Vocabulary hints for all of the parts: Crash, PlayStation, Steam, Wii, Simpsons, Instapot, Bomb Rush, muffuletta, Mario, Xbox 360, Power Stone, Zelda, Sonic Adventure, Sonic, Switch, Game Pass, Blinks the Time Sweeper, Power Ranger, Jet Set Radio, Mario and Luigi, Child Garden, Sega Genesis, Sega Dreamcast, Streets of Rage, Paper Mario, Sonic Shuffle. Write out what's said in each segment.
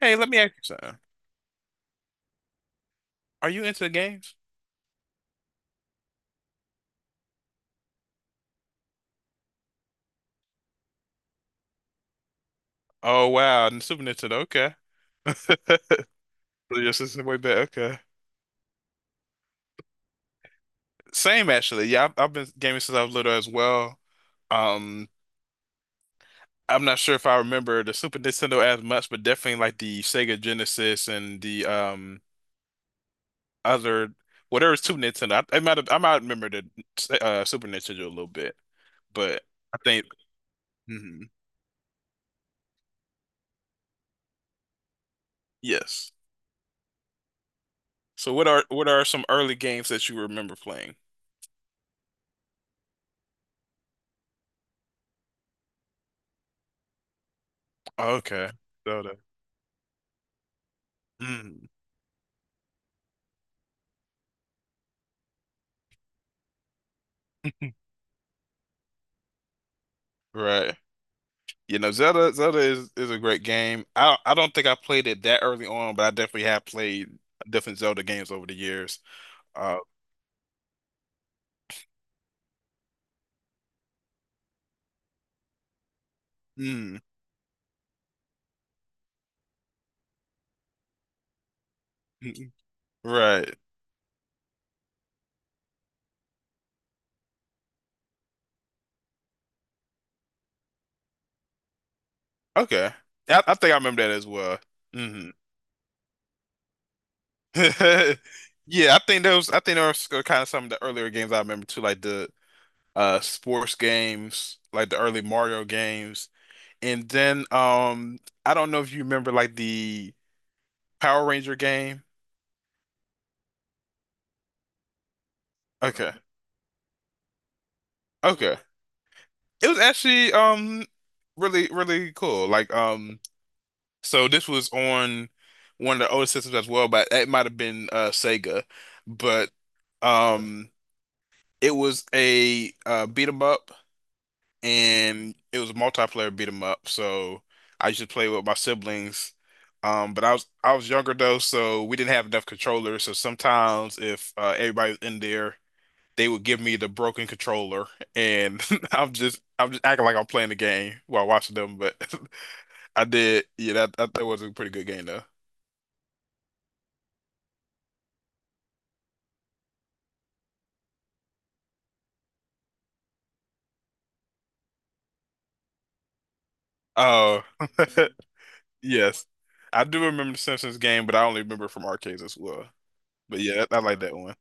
Hey, let me ask you something. Are you into the games? Oh wow, and Super Nintendo. Okay, Your this way better. Okay, same actually. Yeah, I've been gaming since I was little as well. Um, I'm not sure if I remember the Super Nintendo as much, but definitely like the Sega Genesis and the other whatever is Super Nintendo. I might have, I might remember the Super Nintendo a little bit, but I think mhm, yes. So what are some early games that you remember playing? Okay, Zelda. Mm. Right. You know, Zelda is a great game. I don't think I played it that early on, but I definitely have played different Zelda games over the years. Uh, mm, mm, right. Okay. I think I remember that as well. Hmm Yeah, I think those are kind of some of the earlier games I remember too, like the sports games, like the early Mario games. And then I don't know if you remember like the Power Ranger game. Okay. Okay. It was actually really really cool. Like so this was on one of the older systems as well, but it might have been Sega. But um it was a beat 'em up and it was a multiplayer beat 'em up. So I used to play with my siblings. But I was younger though, so we didn't have enough controllers. So sometimes if everybody's in there they would give me the broken controller, and I'm just acting like I'm playing the game while watching them. But I did, yeah, that was a pretty good game though. Oh, yes, I do remember the Simpsons game, but I only remember from arcades as well. But yeah, I like that one.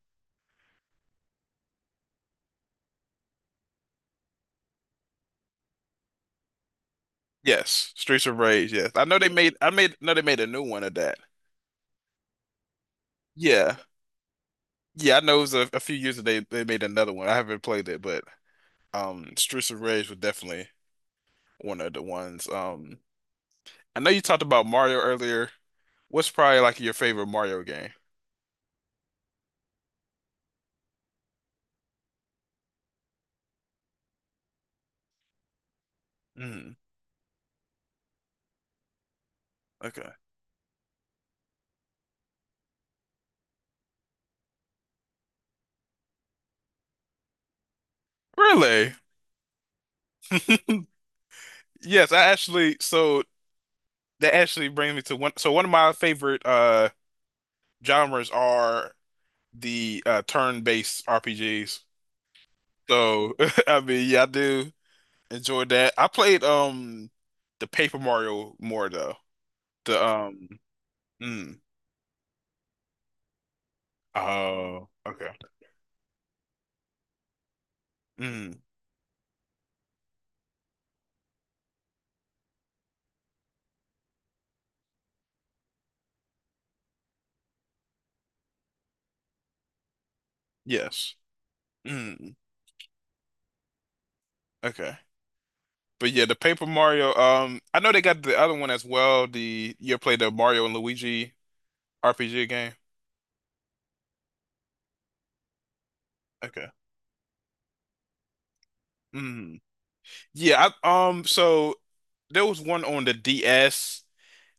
Yes, Streets of Rage. Yes, I know they made. I made. No, they made a new one of that. Yeah, yeah. I know it was a few years that they made another one. I haven't played it, but Streets of Rage was definitely one of the ones. I know you talked about Mario earlier. What's probably like your favorite Mario game? Mm, okay. Really? Yes, I actually so that actually brings me to one so one of my favorite genres are the turn-based RPGs. So I mean yeah, I do enjoy that. I played the Paper Mario more though. The mm, oh okay. Mm, yes. Mm, okay. But yeah, the Paper Mario. I know they got the other one as well. The you ever played the Mario and Luigi RPG game? Okay. Mm. Yeah. I. So there was one on the DS.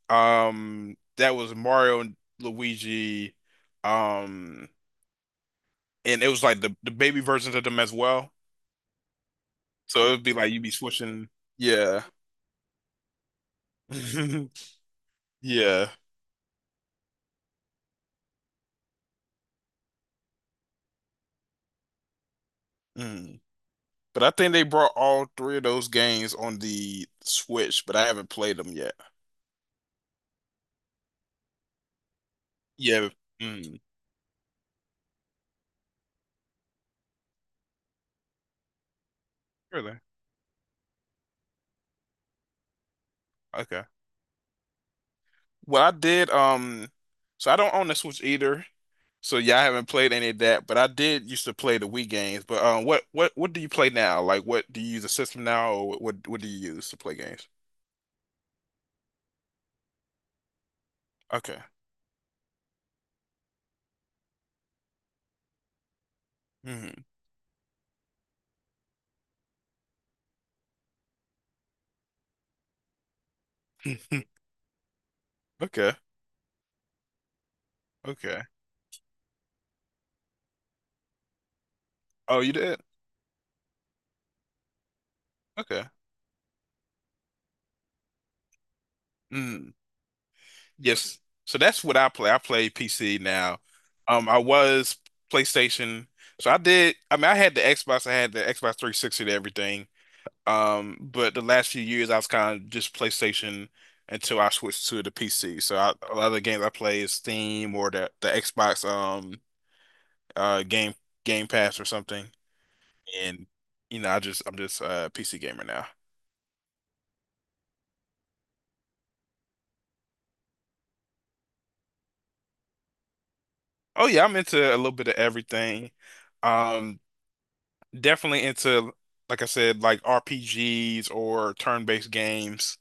That was Mario and Luigi. Um, and it was like the baby versions of them as well. So it would be like you'd be switching. Yeah. Yeah. Mm. But I think they brought all three of those games on the Switch, but I haven't played them yet. Yeah. Mm, really? Okay. Well, I did. So I don't own the Switch either. So yeah, I haven't played any of that. But I did used to play the Wii games. But what do you play now? Like, what do you use a system now, or what do you use to play games? Okay. hmm Okay. Okay. Oh, you did? Okay. Mm. Yes. So that's what I play. I play PC now. I was PlayStation. So I did. I mean, I had the Xbox. I had the Xbox 360 and everything. But the last few years I was kind of just PlayStation until I switched to the PC. So I, a lot of the games I play is Steam or the Xbox uh game Game Pass or something. And you know, I'm just a PC gamer now. Oh yeah, I'm into a little bit of everything. Um, definitely into like I said, like RPGs or turn-based games,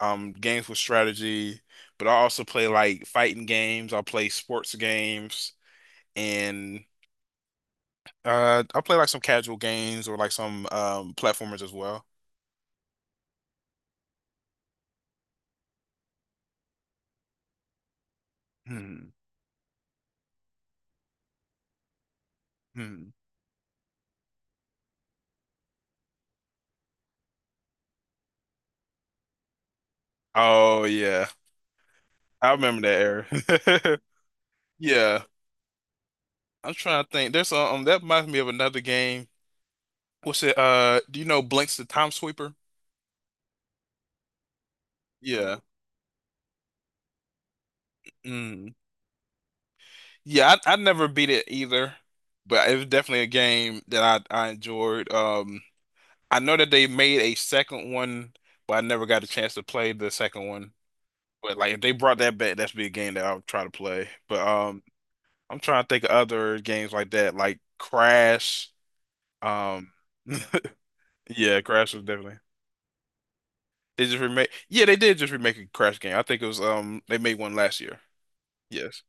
games with strategy. But I also play like fighting games. I play sports games and I play like some casual games or like some platformers as well. Hmm. Hmm. Oh yeah. I remember that era. Yeah. I'm trying to think. There's that reminds me of another game. What's it? Do you know Blinks the Time Sweeper? Yeah. Mm. Yeah, I never beat it either, but it was definitely a game that I enjoyed. I know that they made a second one, but I never got a chance to play the second one. But like if they brought that back, that's be a game that I would try to play. But I'm trying to think of other games like that, like Crash. Um, yeah, Crash was definitely. They just remake. Yeah, they did just remake a Crash game. I think it was they made one last year. Yes.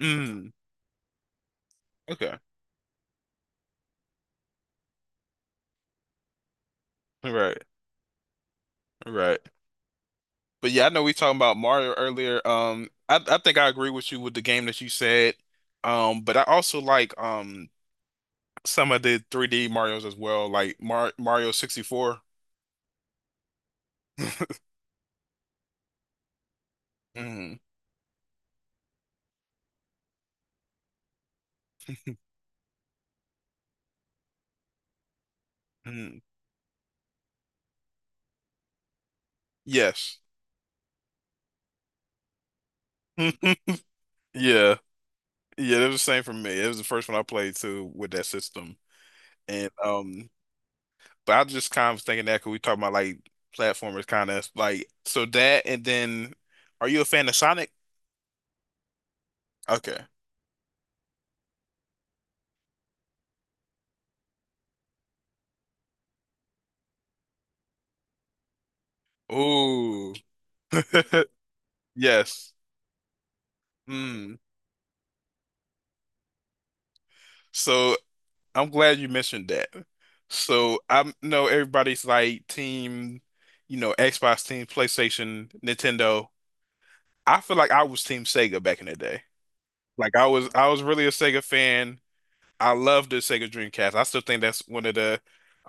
Mm. Okay. Right. Right. But yeah, I know we talking about Mario earlier. I think I agree with you with the game that you said. But I also like some of the 3D Marios as well, like Mario 64. Mm. Mm. Yes. Yeah. Yeah, that was the same for me. It was the first one I played too with that system. And but I just kind of was thinking that 'cause we talking about like platformers kind of like so that and then are you a fan of Sonic? Okay. Ooh. Yes. Mm. So I'm glad you mentioned that. So I know everybody's like team, you know, Xbox team, PlayStation, Nintendo. I feel like I was team Sega back in the day. Like I was really a Sega fan. I love the Sega Dreamcast. I still think that's one of the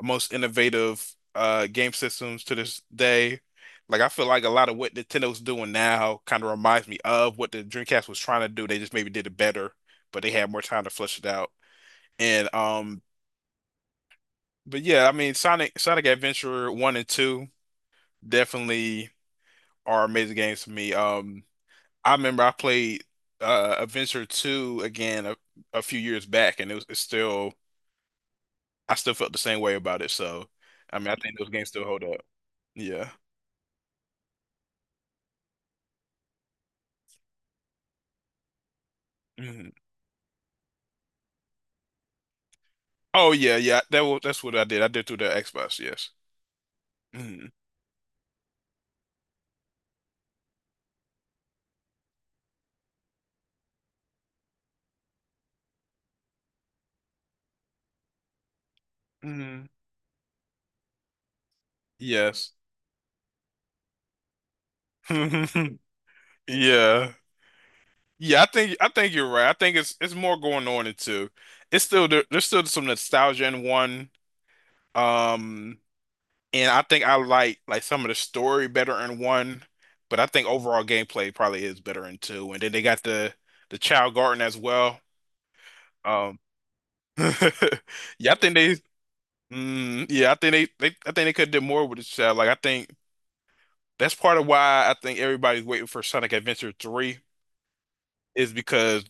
most innovative game systems to this day. Like I feel like a lot of what Nintendo's doing now kind of reminds me of what the Dreamcast was trying to do. They just maybe did it better, but they had more time to flesh it out. And but yeah, I mean Sonic Adventure 1 and 2 definitely are amazing games for me. I remember I played Adventure 2 again a few years back and it was it's still I still felt the same way about it. So, I mean, I think those games still hold up. Yeah. hmm Oh yeah, yeah. That's what I did. I did through the Xbox. Yes. hmm hmm Yes. Yeah. Yeah, I think you're right. I think it's more going on in two. It's still there's still some nostalgia in one. Um, and I think I like some of the story better in one, but I think overall gameplay probably is better in two. And then they got the Child Garden as well. Um, Yeah, I think they. Mm, yeah, I think they, they. I think they could have did more with this child. Like I think that's part of why I think everybody's waiting for Sonic Adventure 3 is because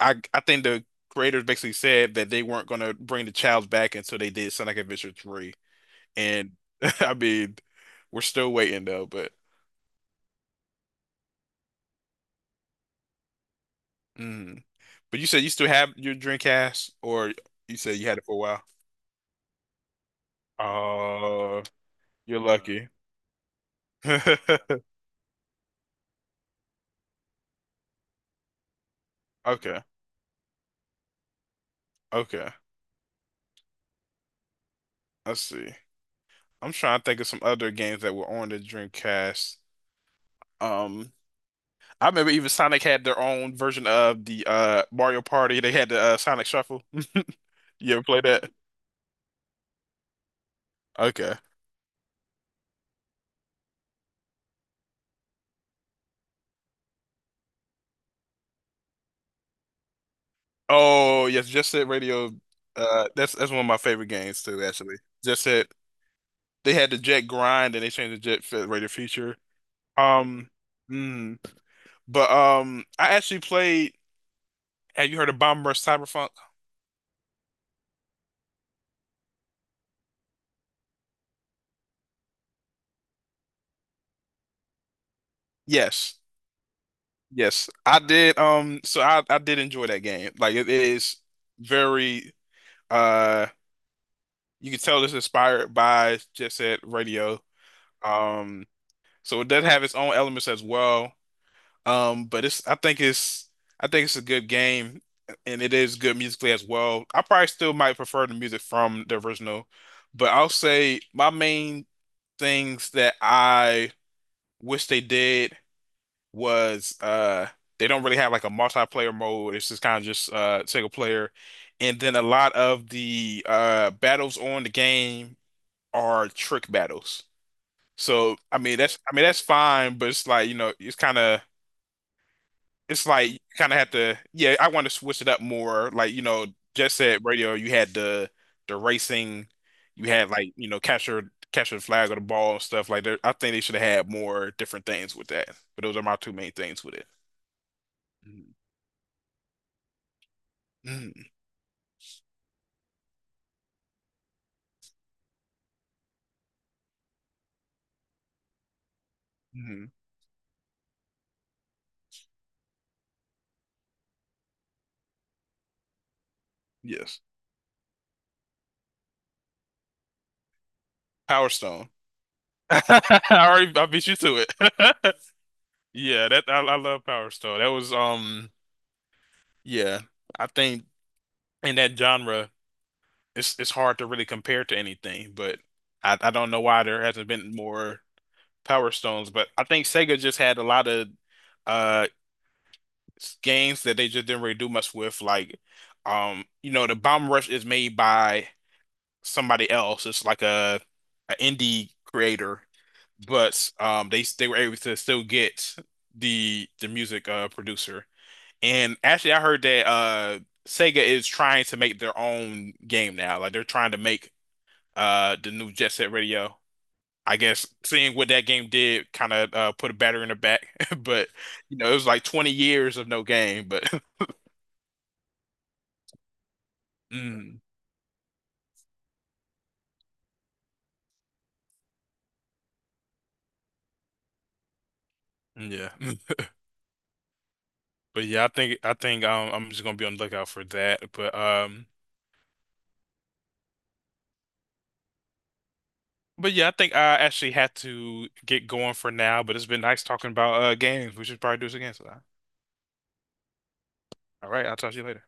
I think the creators basically said that they weren't gonna bring the child back until they did Sonic Adventure 3. And I mean, we're still waiting though. But mm. But you said you still have your Dreamcast, or you said you had it for a while. Oh, you're lucky. Okay, okay. I see. I'm trying to think of some other games that were on the Dreamcast. Um, I remember even Sonic had their own version of the Mario Party. They had the Sonic Shuffle. You ever play that? Okay. Oh yes, Just Set Radio. That's one of my favorite games too. Actually, Just Set. They had the Jet Grind, and they changed the Jet Fit Radio feature. Um, mm, but I actually played. Have you heard of Bomber Cyberpunk? Yes. Yes, I did. So I did enjoy that game. Like it is very uh, you can tell it's inspired by Jet Set Radio. Um, so it does have its own elements as well. But it's I think it's I think it's a good game, and it is good musically as well. I probably still might prefer the music from the original, but I'll say my main things that I wish they did. Was they don't really have like a multiplayer mode. It's just single player. And then a lot of the battles on the game are trick battles. So I mean that's fine, but it's like, you know, it's kinda it's like you kinda have to yeah, I want to switch it up more. Like, you know, Jet Set Radio, you had the racing, you had like, you know, capture the flag or the ball and stuff like that. I think they should have had more different things with that. But those are my two main things with it. Mhm. Mhm. hmm Yes. Power Stone. I beat you to it. Yeah, that I love Power Stone. That was yeah. I think in that genre it's hard to really compare to anything, but I don't know why there hasn't been more Power Stones, but I think Sega just had a lot of uh games that they just didn't really do much with like you know the Bomb Rush is made by somebody else. It's like a an indie creator but they were able to still get the music producer. And actually, I heard that Sega is trying to make their own game now. Like they're trying to make the new Jet Set Radio. I guess seeing what that game did kind of put a batter in the back. But you know, it was like 20 years of no game. But mm, yeah, Mm. but yeah, I think I'm just gonna be on the lookout for that. But yeah, I think I actually had to get going for now, but it's been nice talking about games. We should probably do this again sometime. All right, I'll talk to you later.